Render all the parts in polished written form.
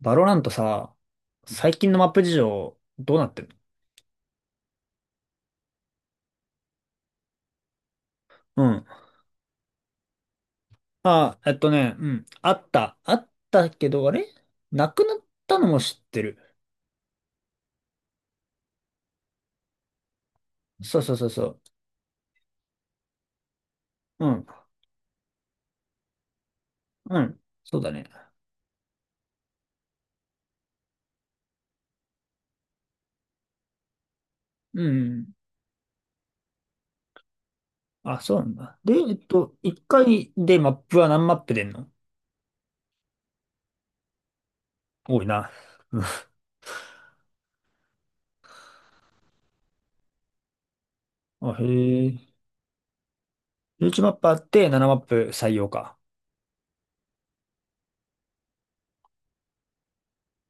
バロラントさ、最近のマップ事情、どうなってる？うん。あ、うん。あった。あったけど、あれなくなったのも知ってる。そうそうそうそう。うん。うん。そうだね。うん。あ、そうなんだ。で、一回でマップは何マップ出んの？多いな。うん。あ、へえ。11マップあって7マップ採用か。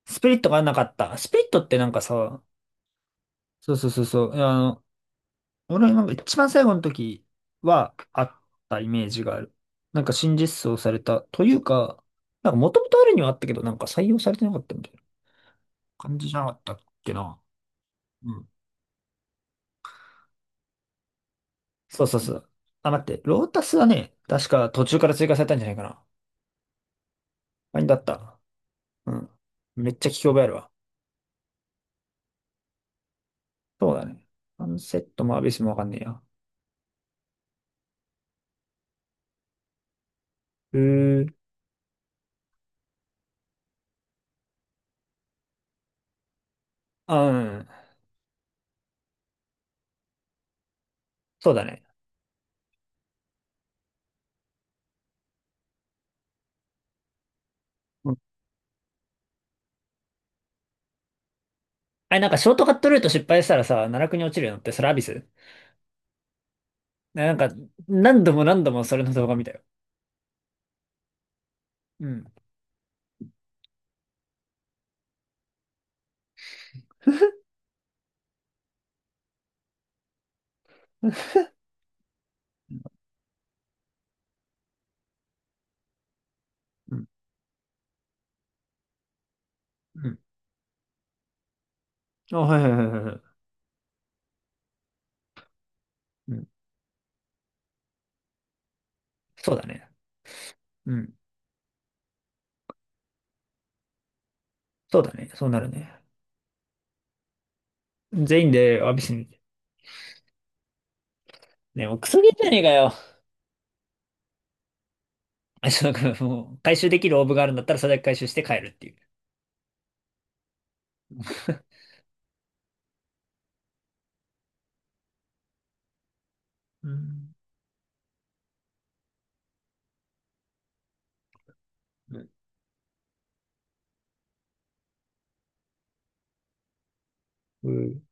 スピリットがなかった。スピリットってさ、そうそうそうそう。俺なんか一番最後の時はあったイメージがある。なんか新実装された。というか、なんか元々あるにはあったけど、なんか採用されてなかったみたいな感じじゃなかったっけな。うん。そうそうそう。あ、待って。ロータスはね、確か途中から追加されたんじゃないかな。ファインだった。うん。めっちゃ聞き覚えあるわ。そうだね。サンセットもアビスもわかんねえや。うーん。あ、うん。そうだね。うん。あれ、なんかショートカットルート失敗したらさ、奈落に落ちるのってそれアビス？ね、なんか、何度も何度もそれの動画見たよ。うん。うん。うん。あ、はいはいはいはいはい。うん。そうだね。うん。そうだね。そうなるね。全員で詫びしに。ね、もうクソゲーじゃねえかよ。あ、そうか、もう、回収できるオーブがあるんだったら、それだけ回収して帰るっていう。うん。うん。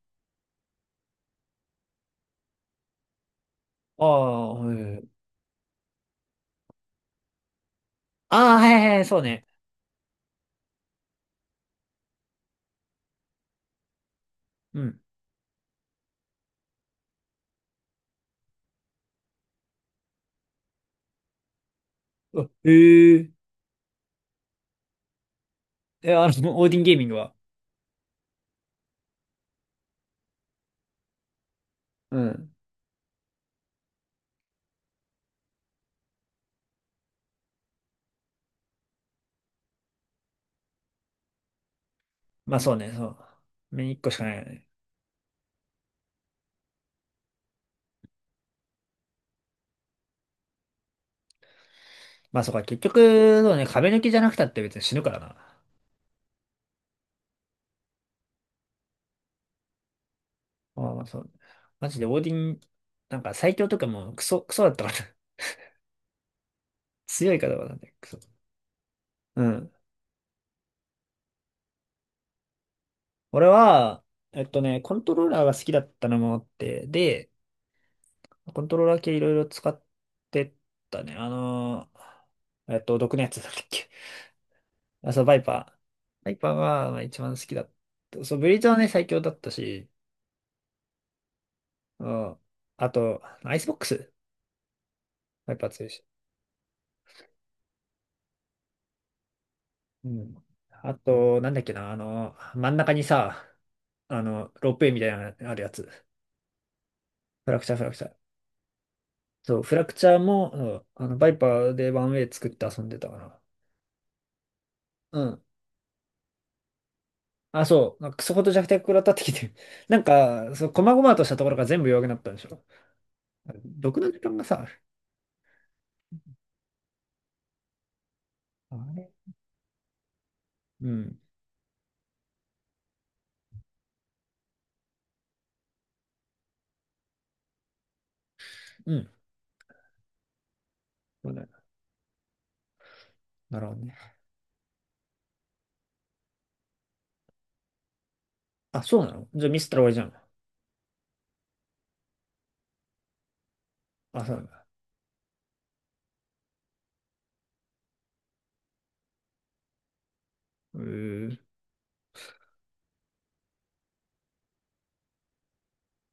ああ、はいはいはい。ああ、はいはいはい、そうね。うん。あえ。ええ、あの、オーディンゲーミングは。うん。まあそうね、そう。目に一個しかないよね。まあそうか、結局、そうね、壁抜きじゃなくたって別に死ぬからな。ああ、そう。マジでオーディン、なんか最強とかもクソ、クソだったから。 強い方だね、クソ。うん。俺は、コントローラーが好きだったのもあって、で、コントローラー系いろいろ使ってったね。毒のやつだったっけ。あ、そう、バイパー。バイパーがまあ一番好きだった。そう、ブリーチはね、最強だったし、うん。あと、アイスボックス。バイパー強い。うん。あと、なんだっけな、あの、真ん中にさ、あの、ロープウェイみたいなのあるやつ。フラクチャー、フラクチャー。そう、フラクチャーも、うん、あの、バイパーでワンウェイ作って遊んでたかな。うん。あ、そう。なんかクソほど弱体食らったってきて。なんか、そう、細々としたところが全部弱くなったんでしょ。毒の時間がさ、あれ。うん。うん。そうだよ。なるほどね。あ、そうなの？じゃあミスったら終わりじゃん。あ、そうなんだ。うー。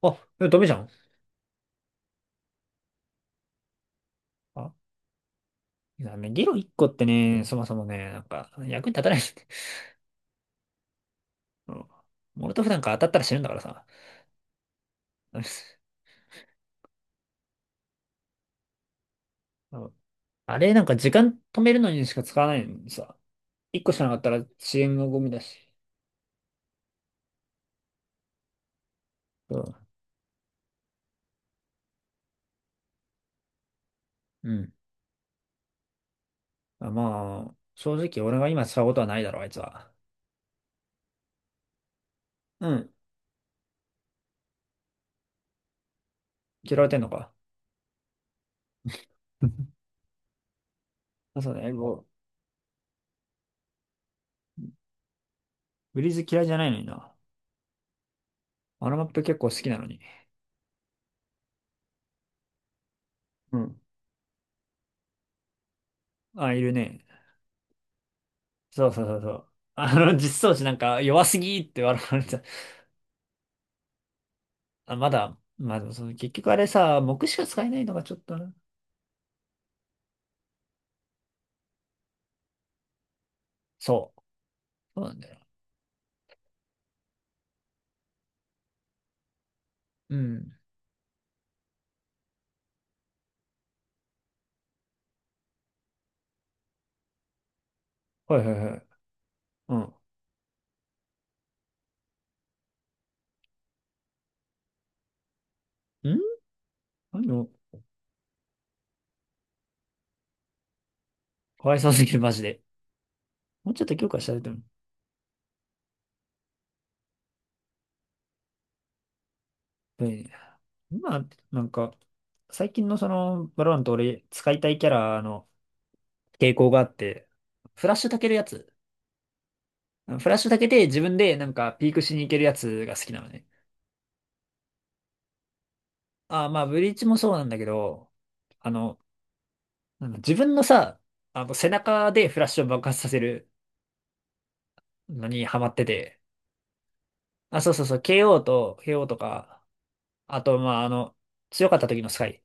あ、えダメじゃん。あ、いやね、ゲロ1個ってね、そもそもね、なんか、役に立たない。うん。モルトフなんか当たったら死ぬんだからさ。うん。あれ、なんか時間止めるのにしか使わないのにさ。1個しかなかったら遅延のゴミだし。そう。ん。うん。あまあ、正直俺が今使うことはないだろ、あいつは。うん。嫌われてんのか。あ、そうね、もう、ブリーズ嫌いじゃないのにな。あのマップ結構好きなのに。うん。あ、いるね。そうそうそうそう。あの、実装値なんか弱すぎって笑われた。あ、まだ、まあでもその結局あれさ、木しか使えないのがちょっとな。そう。そうなんだよ。うん。はいはいはい。うん。ん。も、かわいそうすぎる、マジで。もうちょっと強化したいと思う。で、今、なんか、最近のその、バロラント俺、使いたいキャラの傾向があって、フラッシュたけるやつ。フラッシュたけて自分でなんかピークしに行けるやつが好きなのね。ああ、まあ、ブリーチもそうなんだけど、あの、なんだ自分のさ、あの、背中でフラッシュを爆発させるのにハマってて。あ、そうそうそう、KO と、KO とか、あと、まあ、あの、強かった時のスカイ。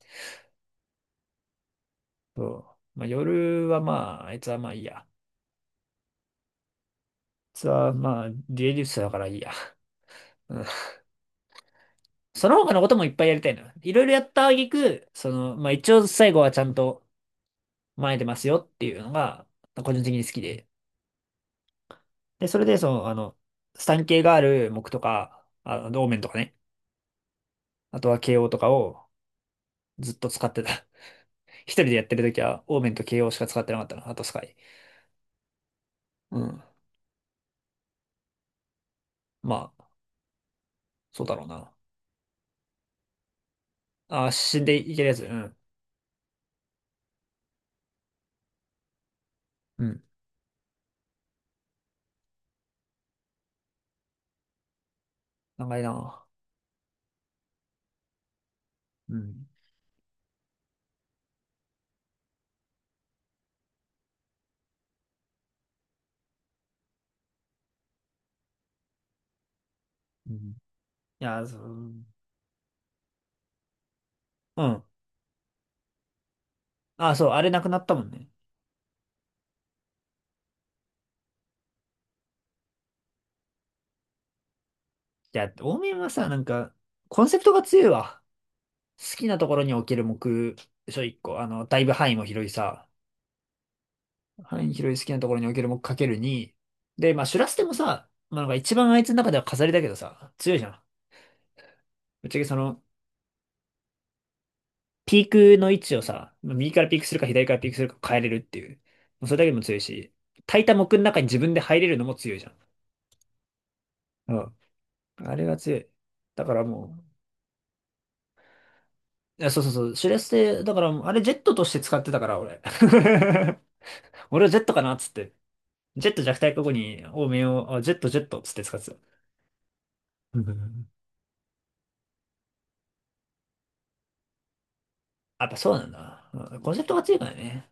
そう。まあ、夜はまあ、あいつはまあいいや。あいつはまあ、デュエリストだからいいや。うん。その他のこともいっぱいやりたいのよ。いろいろやった挙句、その、まあ一応最後はちゃんと前出ますよっていうのが、個人的に好きで。で、それで、その、あの、スタン系がある木とか、あの、オーメンとかね。あとは KO とかをずっと使ってた。一人でやってる時は、オーメンと KO しか使ってなかったの。あとスカイ。うん。まあ、そうだろうな。あ、死んでいけるやつ。うん。うん。長いな。うん。うん。いや、そう。うん。あ、そう、あれなくなったもんね。いや、オーミンはさ、なんか、コンセプトが強いわ。好きなところに置ける目、でしょ、一個。あの、だいぶ範囲も広いさ。範囲広い好きなところに置ける目かける2。で、まあ、シュラステもさ、まあ、なんか一番あいつの中では飾りだけどさ、強いじゃん。ぶっちゃけその、ピークの位置をさ、右からピークするか左からピークするか変えれるっていう。もうそれだけでも強いし、炊いた木の中に自分で入れるのも強いじゃん。うん。あれが強い。だからもう、いや、そうそうそう。シュレステ、だからもう、あれジェットとして使ってたから、俺。俺はジェットかなっつって。ジェット弱体過去に、多めを、あジェットジェットっつって使ってた。うん。やっぱそうなんだな。うん。コンセプトが強いからね。